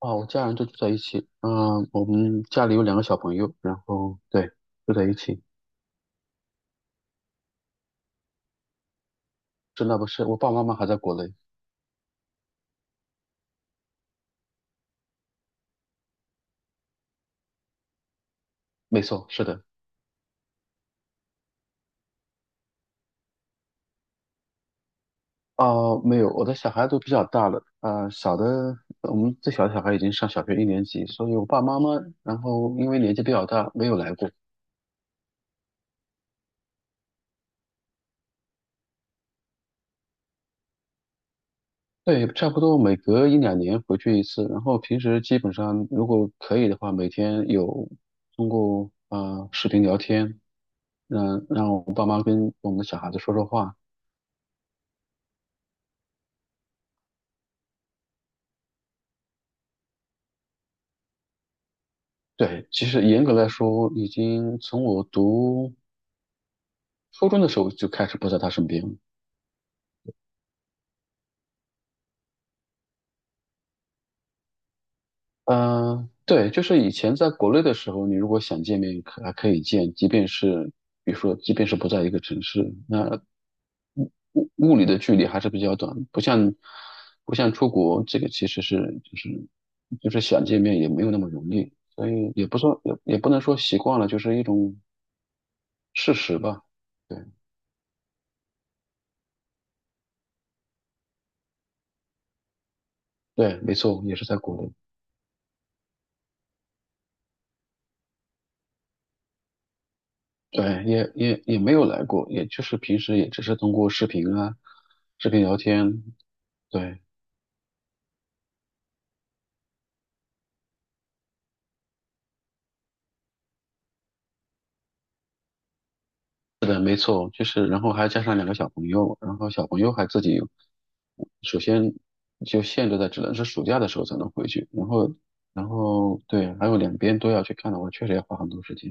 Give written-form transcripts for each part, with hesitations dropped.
哦，我家人就住在一起。嗯、我们家里有两个小朋友，然后对，住在一起。是那不是，我爸爸妈妈还在国内。没错，是的。哦、没有，我的小孩都比较大了。小的，我们最小的小孩已经上小学一年级，所以我爸妈妈，然后因为年纪比较大，没有来过。对，差不多每隔一两年回去一次。然后平时基本上，如果可以的话，每天有通过视频聊天，让我爸妈跟我们的小孩子说说话。对，其实严格来说，已经从我读初中的时候就开始不在他身边了。嗯、对，就是以前在国内的时候，你如果想见面，可还可以见，即便是比如说，即便是不在一个城市，那物理的距离还是比较短，不像出国，这个其实是就是就是想见面也没有那么容易，所以也不说也不能说习惯了，就是一种事实吧。对对，没错，也是在国内。对，也没有来过，也就是平时也只是通过视频啊，视频聊天。对，是的，没错，就是然后还加上两个小朋友，然后小朋友还自己，首先就限制在只能是暑假的时候才能回去，然后对，还有两边都要去看的话，确实要花很多时间，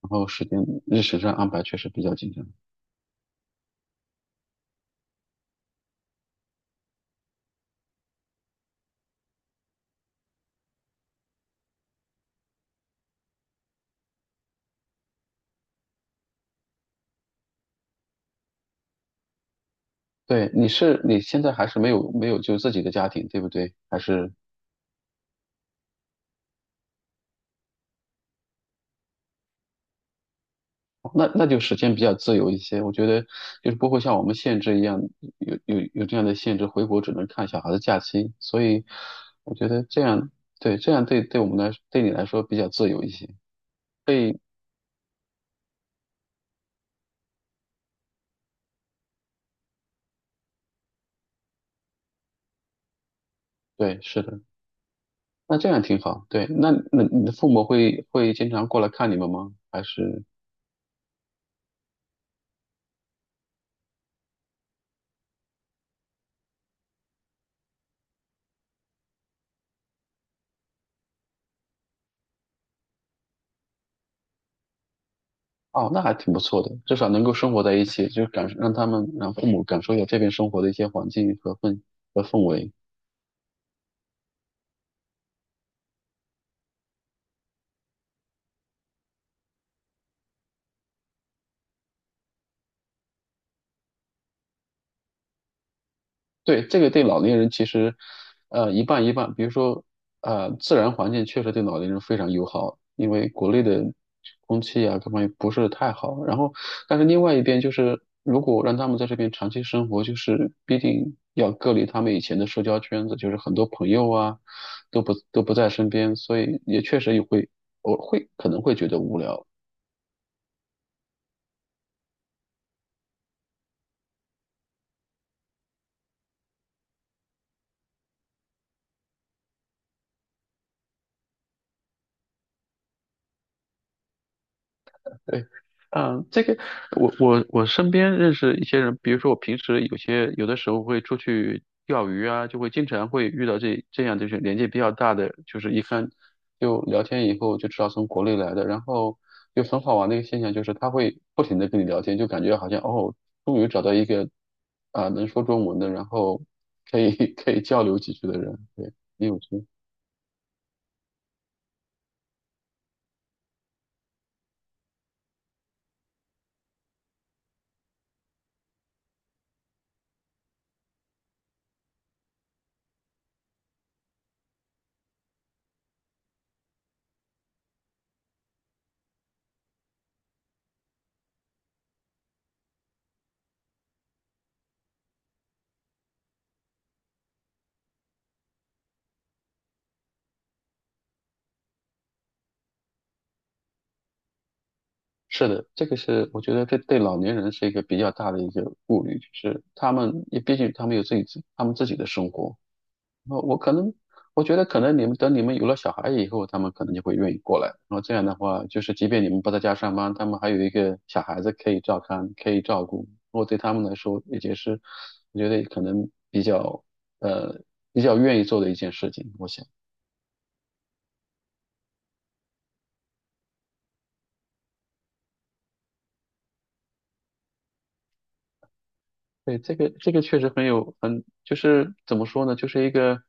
然后时间日程上安排确实比较紧张。对，你现在还是没有就自己的家庭，对不对？还是？哦那就时间比较自由一些，我觉得就是不会像我们限制一样，有这样的限制，回国只能看小孩的假期，所以我觉得这样，对，这样对我们来，对你来说比较自由一些，对对，是的，那这样挺好，对，那你的父母会经常过来看你们吗？还是哦，那还挺不错的，至少能够生活在一起，就感让他们让父母感受一下这边生活的一些环境和氛围。对，这个对老年人其实，一半一半。比如说，自然环境确实对老年人非常友好，因为国内的空气啊各方面不是太好。然后，但是另外一边就是，如果让他们在这边长期生活，就是必定要隔离他们以前的社交圈子，就是很多朋友啊都不在身边，所以也确实也会我会可能会觉得无聊。对，这个我身边认识一些人，比如说我平时有的时候会出去钓鱼啊，就会经常会遇到这样就是年纪比较大的，就是一看就聊天以后就知道从国内来的，然后就很好玩的一个现象就是他会不停的跟你聊天，就感觉好像哦，终于找到一个能说中文的，然后可以 可以交流几句的人，对，你有这是的，这个是我觉得这对老年人是一个比较大的一个顾虑，就是他们也毕竟他们有自己自他们自己的生活。我我可能我觉得可能你们等你们有了小孩以后，他们可能就会愿意过来。然后这样的话，就是即便你们不在家上班，他们还有一个小孩子可以照看，可以照顾。我对他们来说，也就是我觉得可能呃比较愿意做的一件事情。我想。对，这个确实很有就是怎么说呢，就是一个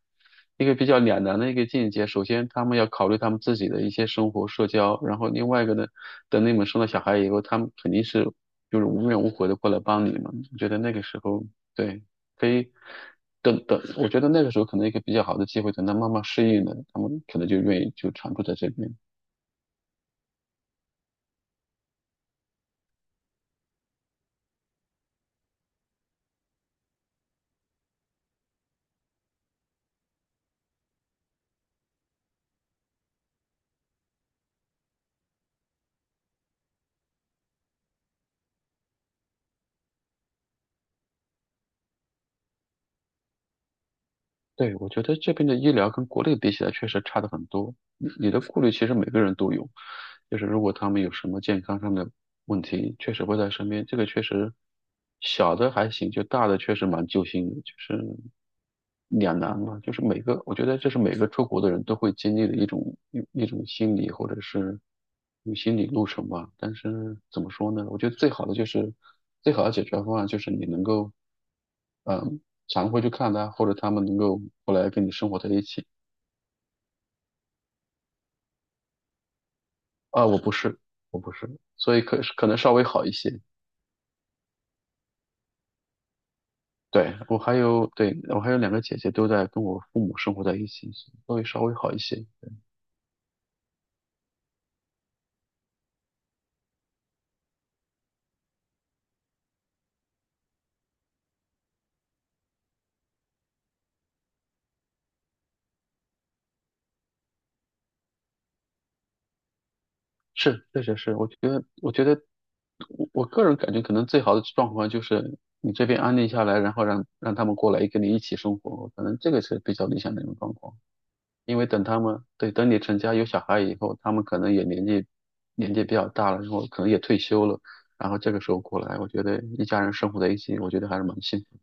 一个比较两难的一个境界。首先，他们要考虑他们自己的一些生活、社交，然后另外一个呢，等你们生了小孩以后，他们肯定就是无怨无悔的过来帮你嘛。我觉得那个时候，对，可以等等，我觉得那个时候可能一个比较好的机会，等他慢慢适应了，他们可能就愿意就常住在这边。对，我觉得这边的医疗跟国内比起来确实差的很多。你的顾虑其实每个人都有，就是如果他们有什么健康上的问题，确实会在身边。这个确实小的还行，就大的确实蛮揪心的，就是两难嘛。就是每个，我觉得这是每个出国的人都会经历的一种心理或者是一种心理路程吧。但是怎么说呢？我觉得最好的解决方案就是你能够。常会去看他，或者他们能够后来跟你生活在一起。啊，我不是，我不是，所以可能稍微好一些。对，我还有，对，我还有两个姐姐都在跟我父母生活在一起，所以稍微好一些。是，确实是，我觉得，我个人感觉，可能最好的状况就是你这边安定下来，然后让他们过来跟你一起生活，可能这个是比较理想的一种状况。因为等他们，对，等你成家有小孩以后，他们可能也年纪比较大了，然后可能也退休了，然后这个时候过来，我觉得一家人生活在一起，我觉得还是蛮幸福，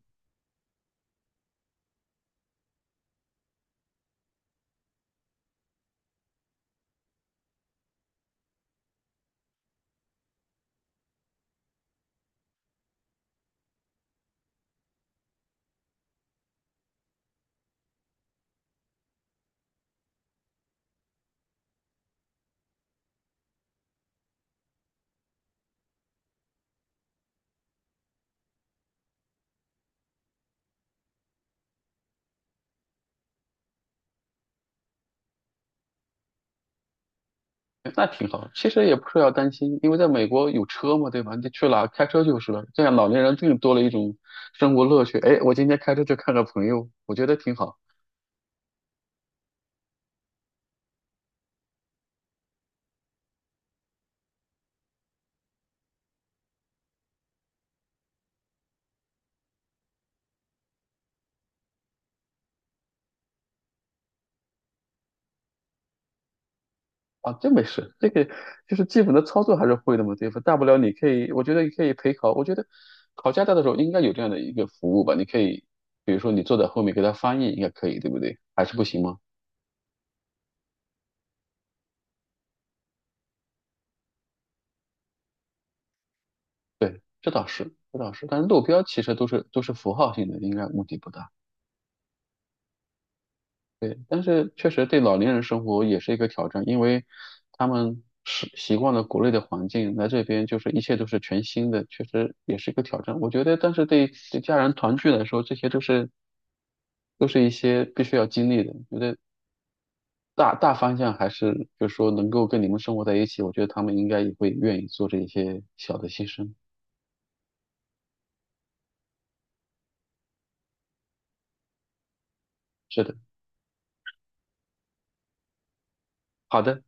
那挺好。其实也不是要担心，因为在美国有车嘛，对吧？你去哪开车就是了，这样老年人更多了一种生活乐趣。哎，我今天开车去看个朋友，我觉得挺好。啊，这没事，这个就是基本的操作还是会的嘛，对吧？大不了你可以，我觉得你可以陪考，我觉得考驾照的时候应该有这样的一个服务吧，你可以，比如说你坐在后面给他翻译，应该可以，对不对？还是不行吗？对，这倒是，这倒是，但是路标其实都是符号性的，应该问题不大。对，但是确实对老年人生活也是一个挑战，因为他们是习惯了国内的环境，来这边就是一切都是全新的，确实也是一个挑战。我觉得，但是对家人团聚来说，这些都是一些必须要经历的。觉得大方向还是就是说能够跟你们生活在一起，我觉得他们应该也会愿意做这一些小的牺牲。是的，好的。